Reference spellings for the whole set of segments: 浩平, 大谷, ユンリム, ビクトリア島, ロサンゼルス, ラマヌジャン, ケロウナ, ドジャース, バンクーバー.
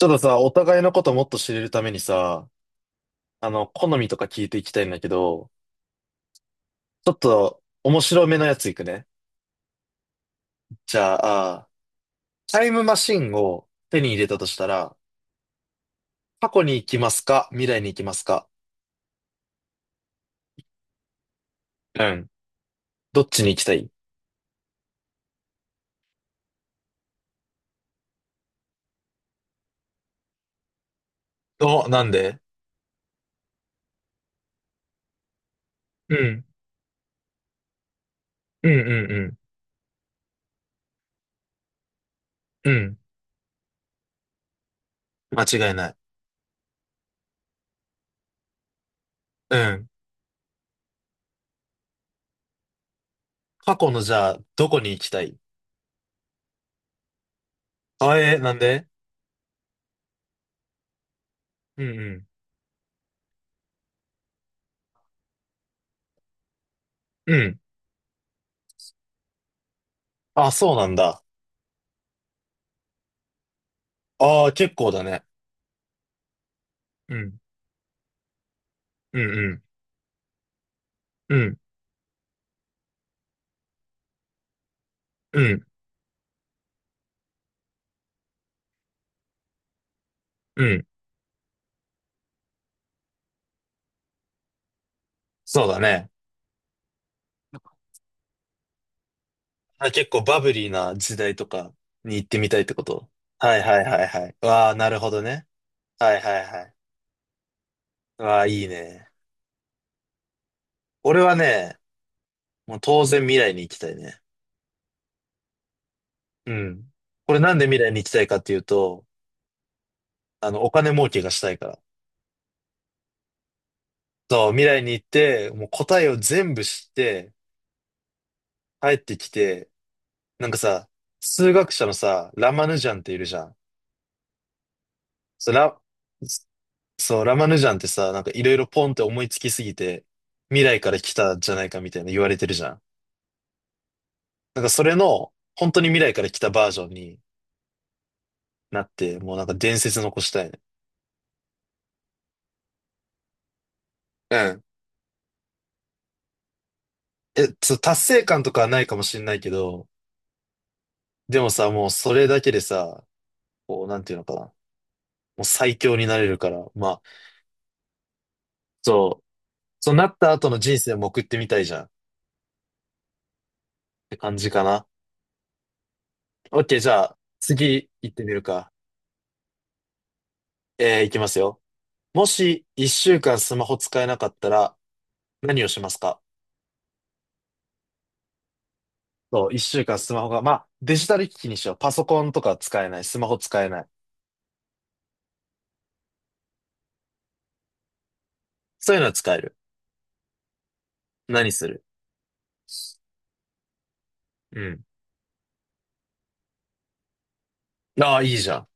ちょっとさ、お互いのこともっと知れるためにさ、好みとか聞いていきたいんだけど、ちょっと面白めのやついくね。じゃあ、タイムマシンを手に入れたとしたら、過去に行きますか未来に行きますか？うん。どっちに行きたい？お、なんで？うん。うんうんうん。うん。間違いない。うん。過去の、じゃあ、どこに行きたい？あ、なんで？うんうん。うん。あ、そうなんだ。ああ、結構だね。うん。うんうん。うん。うん。うん。そうだね。あ、結構バブリーな時代とかに行ってみたいってこと？はいはいはいはい。わあ、なるほどね。はいはいはい。わあ、いいね。俺はね、もう当然未来に行きたいね。うん。これなんで未来に行きたいかっていうと、お金儲けがしたいから。そう、未来に行って、もう答えを全部知って、帰ってきて、なんかさ、数学者のさ、ラマヌジャンっているじゃん。そう、ラ、そう、ラマヌジャンってさ、なんかいろいろポンって思いつきすぎて、未来から来たじゃないかみたいな言われてるじゃん。なんかそれの、本当に未来から来たバージョンになって、もうなんか伝説残したいね。うん。え、そう、達成感とかはないかもしれないけど、でもさ、もうそれだけでさ、こう、なんていうのかな。もう最強になれるから、まあ、そう、そうなった後の人生も送ってみたいじゃんって感じかな。オッケー、じゃあ、次行ってみるか。いきますよ。もし、一週間スマホ使えなかったら、何をしますか？そう、一週間スマホが、まあ、デジタル機器にしよう。パソコンとか使えない。スマホ使えない。そういうのは使える。何する？うん。ああ、いいじゃん。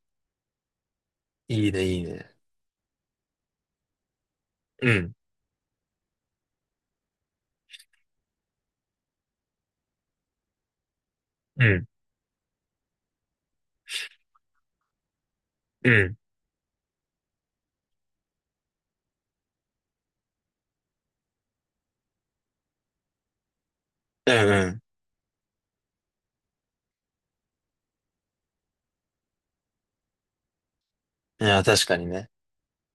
いいね、いいね。うん。うん。うん。うんうん。いや、確かにね。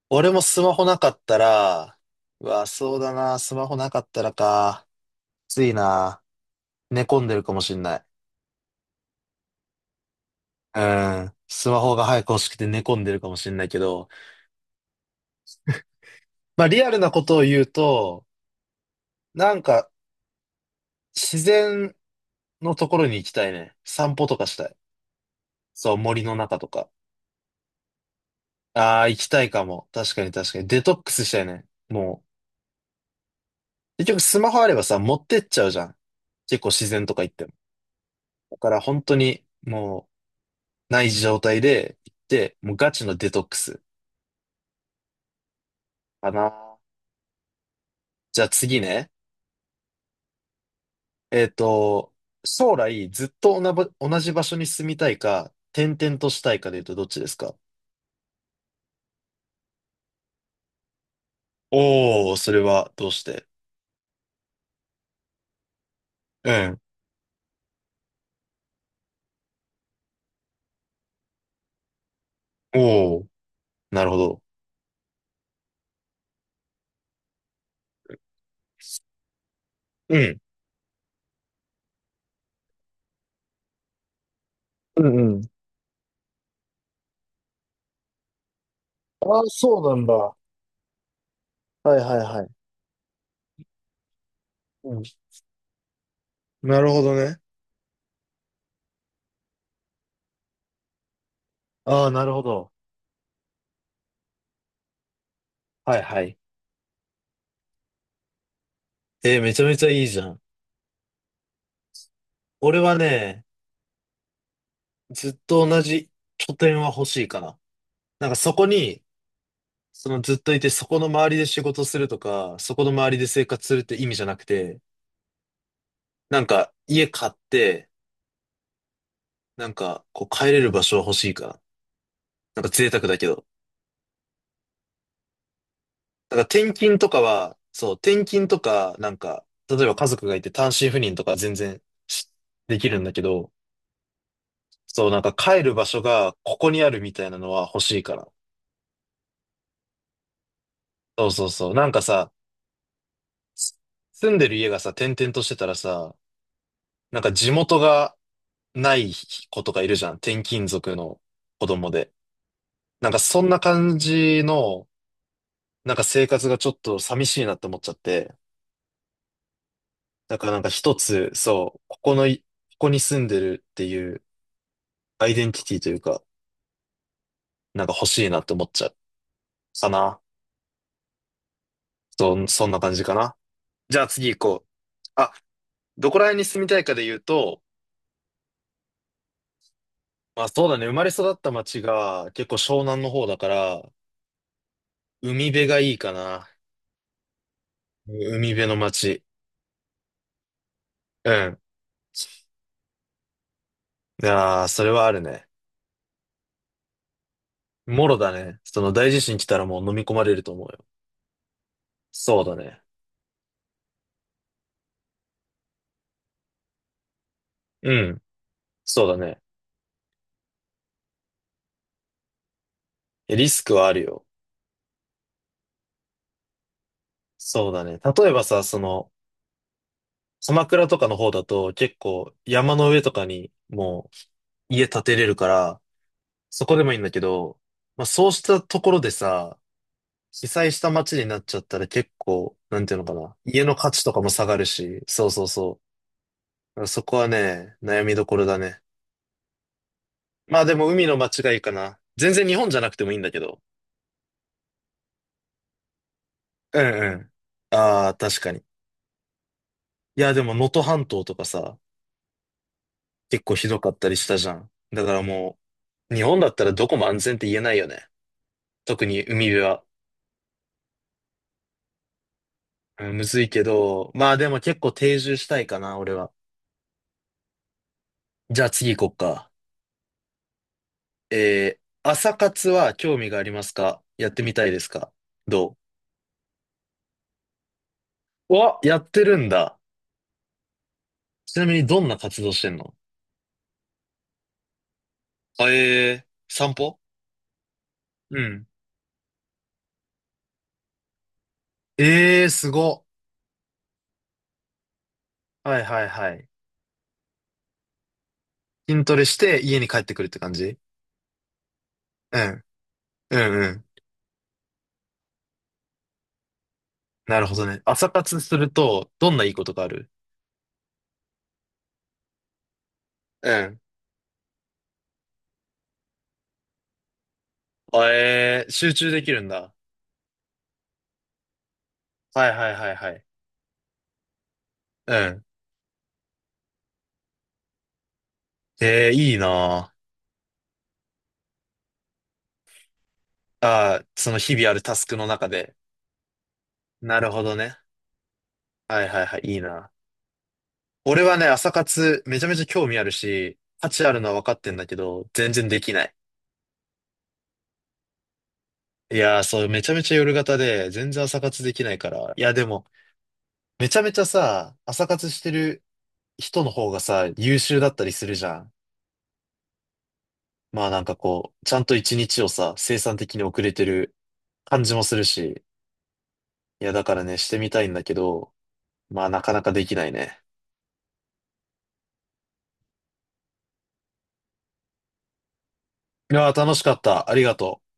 俺もスマホなかったら、うわ、そうだな。スマホなかったらか。きついな。寝込んでるかもしんない。うん。スマホが早く欲しくて寝込んでるかもしんないけど、まあ、リアルなことを言うと、なんか、自然のところに行きたいね。散歩とかしたい。そう、森の中とか。ああ、行きたいかも。確かに確かに。デトックスしたいね。もう、結局スマホあればさ、持ってっちゃうじゃん。結構自然とか行っても。だから本当に、もう、ない状態で行って、もうガチのデトックスかな。じゃあ次ね。えっと、将来ずっと同じ場所に住みたいか、転々としたいかで言うとどっちですか？おー、それはどうして？うん。おー、なるほど。うん。うんうん。ああ、そうなんだ。はいはいはい。うん。なるほどね。ああ、なるほど。はいはい。めちゃめちゃいいじゃん。俺はね、ずっと同じ拠点は欲しいかな。なんかそこに、そのずっといて、そこの周りで仕事するとか、そこの周りで生活するって意味じゃなくて、なんか家買って、なんかこう帰れる場所は欲しいかな。なんか贅沢だけど。だから転勤とかは、そう、転勤とか、なんか、例えば家族がいて単身赴任とか全然しできるんだけど、そう、なんか帰る場所がここにあるみたいなのは欲しいから。そうそうそう。なんかさ、す住んでる家がさ、転々としてたらさ、なんか地元がない子とかいるじゃん。転勤族の子供で。なんかそんな感じの、なんか生活がちょっと寂しいなって思っちゃって。だからなんか一つ、そう、ここのい、ここに住んでるっていう、アイデンティティというか、なんか欲しいなって思っちゃう。かな。そんな感じかな。じゃあ次行こう。あ、どこら辺に住みたいかで言うと、まあそうだね、生まれ育った町が結構湘南の方だから、海辺がいいかな。海辺の町。うん。いやー、それはあるね。もろだね。その大地震来たらもう飲み込まれると思うよ。そうだね。うん。そうだね。リスクはあるよ。そうだね。例えばさ、その、鎌倉とかの方だと結構山の上とかにもう家建てれるから、そこでもいいんだけど、まあそうしたところでさ、被災した街になっちゃったら結構、なんていうのかな、家の価値とかも下がるし、そうそうそう。だからそこはね、悩みどころだね。まあでも海の街がいいかな。全然日本じゃなくてもいいんだけど。うんうん。ああ、確かに。いやでも能登半島とかさ、結構ひどかったりしたじゃん。だからもう、日本だったらどこも安全って言えないよね。特に海辺は。うん、むずいけど、まあでも結構定住したいかな、俺は。じゃあ次行こっか。えー、朝活は興味がありますか？やってみたいですか？どうわ、やってるんだ。ちなみにどんな活動してんの？あ、散歩？うん。ええー、すご。はいはいはい。筋トレして家に帰ってくるって感じ？うん。うんうん。なるほどね。朝活すると、どんないいことがある？うん。あ、集中できるんだ。はいはいはいはい。うん。ええ、いいなあ。ああ、その日々あるタスクの中で。なるほどね。はいはいはい、いいな。俺はね、朝活めちゃめちゃ興味あるし、価値あるのは分かってんだけど、全然できない。いやー、そう、めちゃめちゃ夜型で、全然朝活できないから。いや、でも、めちゃめちゃさ、朝活してる人の方がさ、優秀だったりするじゃん。まあなんかこう、ちゃんと一日をさ、生産的に遅れてる感じもするし。いや、だからね、してみたいんだけど、まあなかなかできないね。いやー、楽しかった。ありがとう。